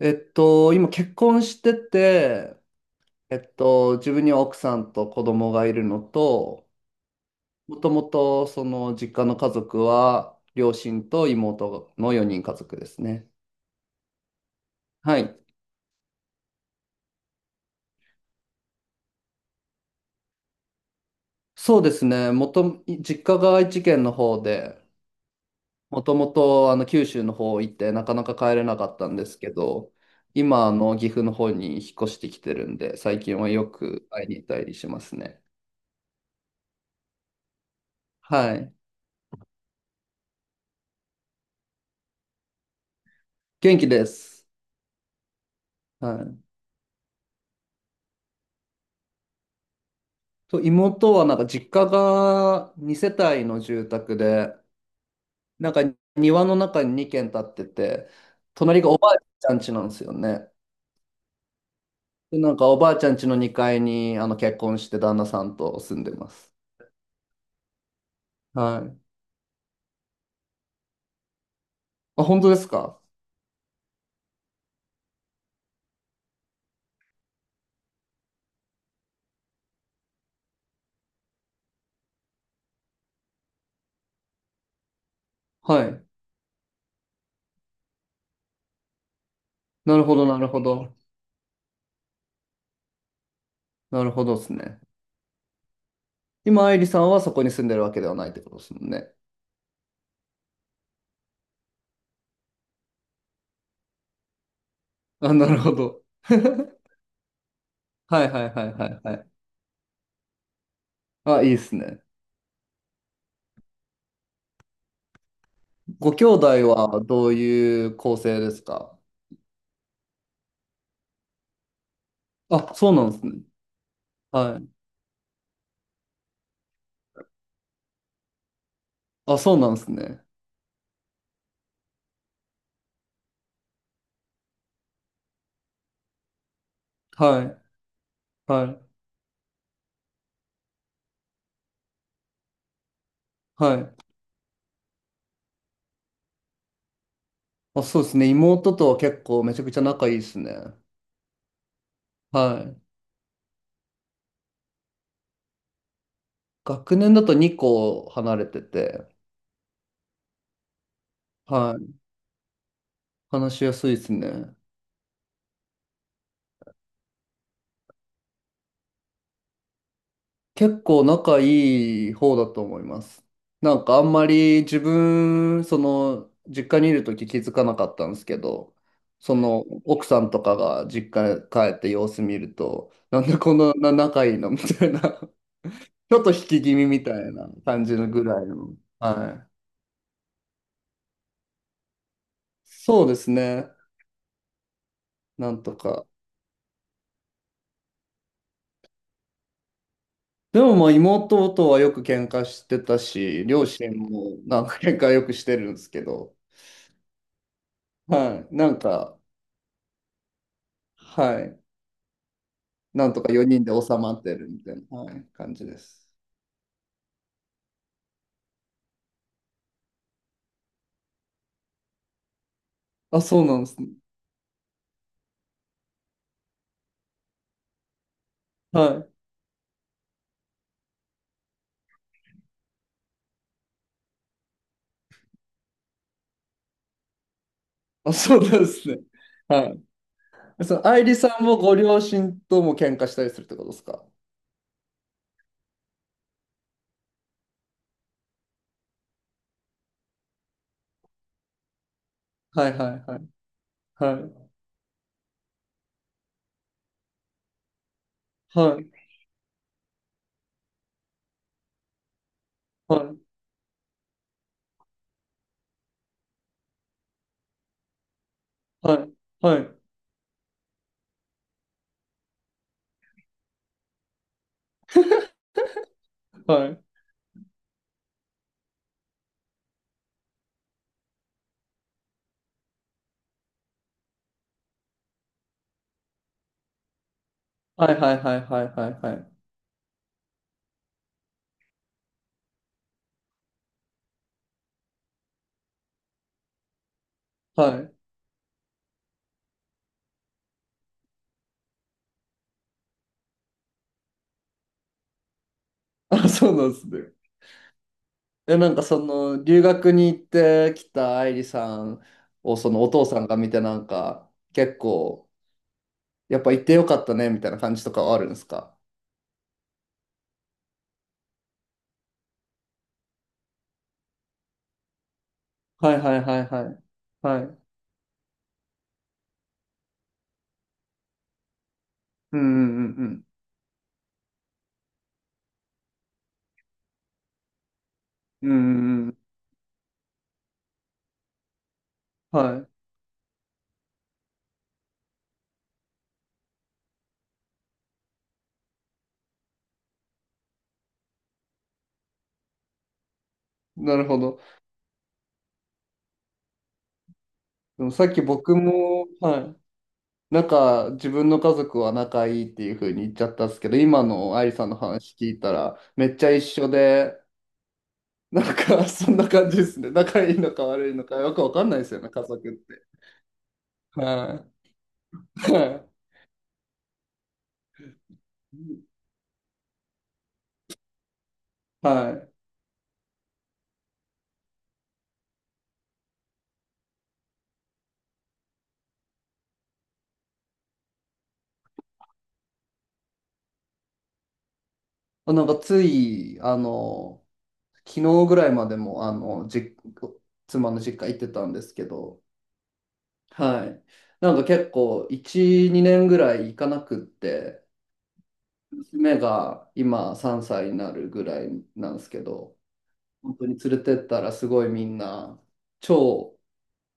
今結婚してて、自分には奥さんと子供がいるのと、もともとその実家の家族は両親と妹の4人家族ですね。はい。そうですね。実家が愛知県の方で、もともと九州の方行ってなかなか帰れなかったんですけど、今岐阜の方に引っ越してきてるんで、最近はよく会いに行ったりしますね。はい。元気です。はい。そう妹はなんか実家が2世帯の住宅で、なんか庭の中に2軒建ってて、隣がおばあちゃん家なんですよね。で、なんかおばあちゃん家の2階に結婚して旦那さんと住んでます。はい。あ、本当ですか？はい。なるほど、なるほど。なるほどですね。今、愛理さんはそこに住んでるわけではないってことですもんね。あ、なるほど。はいはいはいはいはい。あ、いいですね。ご兄弟はどういう構成ですか？あ、そうなんですね。はい。あ、そうなんですね。はい。はい。はい。あ、そうですね。妹とは結構めちゃくちゃ仲いいですね。はい。学年だと2個離れてて、はい。話しやすいですね。結構仲いい方だと思います。なんかあんまり自分、その、実家にいるとき気づかなかったんですけど、その、奥さんとかが実家に帰って様子見ると、なんでこんな仲いいのみたいなちょっと引き気味みたいな感じのぐらいの。はい。そうですね。なんとか。でもまあ妹とはよく喧嘩してたし、両親もなんか喧嘩よくしてるんですけど、はい。なんか、はい。なんとか4人で収まってるみたいな、はい、感じです。あ、そうなんですね。はい。あ、そうなんですね。はい。その、愛梨さんもご両親とも喧嘩したりするってことですか？はいはいはい。はい。はい。はい。はい。はい。はい。はいはいはいはいはいはい。はい。あ、そうなんですね。え、なんかその、留学に行ってきた愛理さんを、そのお父さんが見て、なんか、結構、やっぱ行ってよかったね、みたいな感じとかはあるんですか？はいはいはいはい。はい。うんうんうんうん。うんうんうん。はい。なるほど。でもさっき僕も、はい。なんか、自分の家族は仲いいっていうふうに言っちゃったんですけど、今の愛理さんの話聞いたら、めっちゃ一緒で、なんか、そんな感じですね。仲いいのか悪いのか、よくわかんないですよね、家族って。はい。はい。はい。あなんか、つい、昨日ぐらいまでも、妻の実家行ってたんですけど、はい。なんか結構、1、2年ぐらい行かなくって、娘が今3歳になるぐらいなんですけど、本当に連れてったらすごいみんな、超、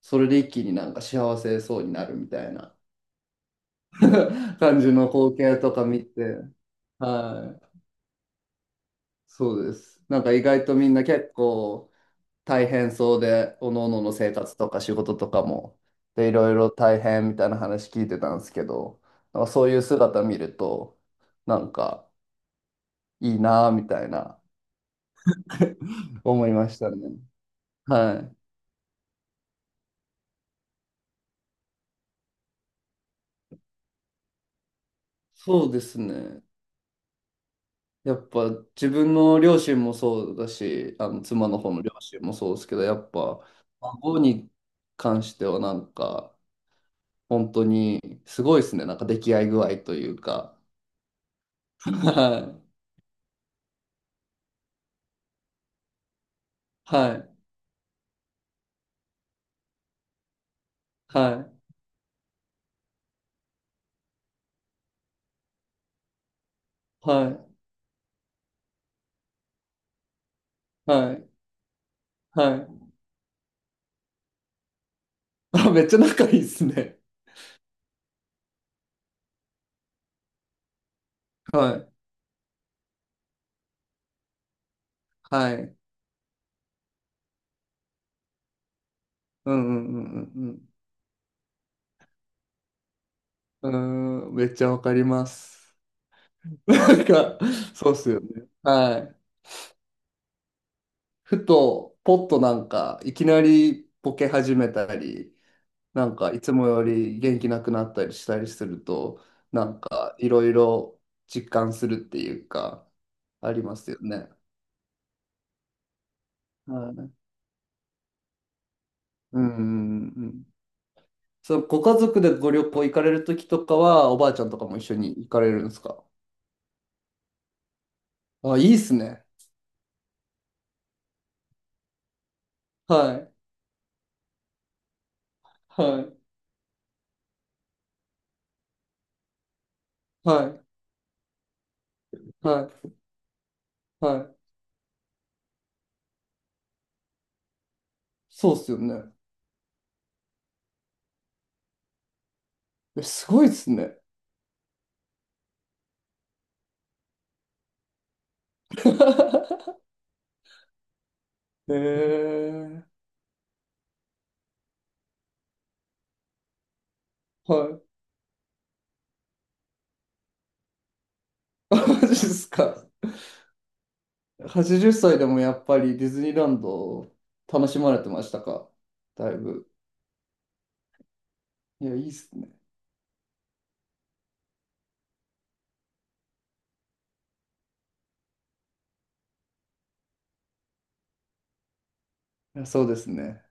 それで一気になんか幸せそうになるみたいな。感じの光景とか見て、はい、そうです。なんか意外とみんな結構大変そうで、おのおのの生活とか仕事とかも、で、いろいろ大変みたいな話聞いてたんですけど、なんかそういう姿見ると、なんかいいなぁみたいな 思いましたね。はい。そうですね。やっぱ自分の両親もそうだし、妻の方の両親もそうですけど、やっぱ孫に関してはなんか本当にすごいですね。なんか出来合い具合というか。はい。はい。はい。はい。はい。はい。あ、めっちゃ仲いいですね。はい。はい。うんうんうんうんうん。うーん、めっちゃわかります。なんか、そうっすよね。はい。ふと、ポッとなんか、いきなりボケ始めたり、なんかいつもより元気なくなったりしたりすると、なんかいろいろ実感するっていうか、ありますよね。はい。うんうんうん。そう、ご家族でご旅行行かれるときとかは、おばあちゃんとかも一緒に行かれるんですか？あ、いいっすね。はい。はい。はい。はい。はい。そうっすよね。え、すごいっすね。へえ。はい。あマジっすか。80歳でもやっぱりディズニーランド楽しまれてましたか？だいぶ。いや、いいっすね。いやそうですね。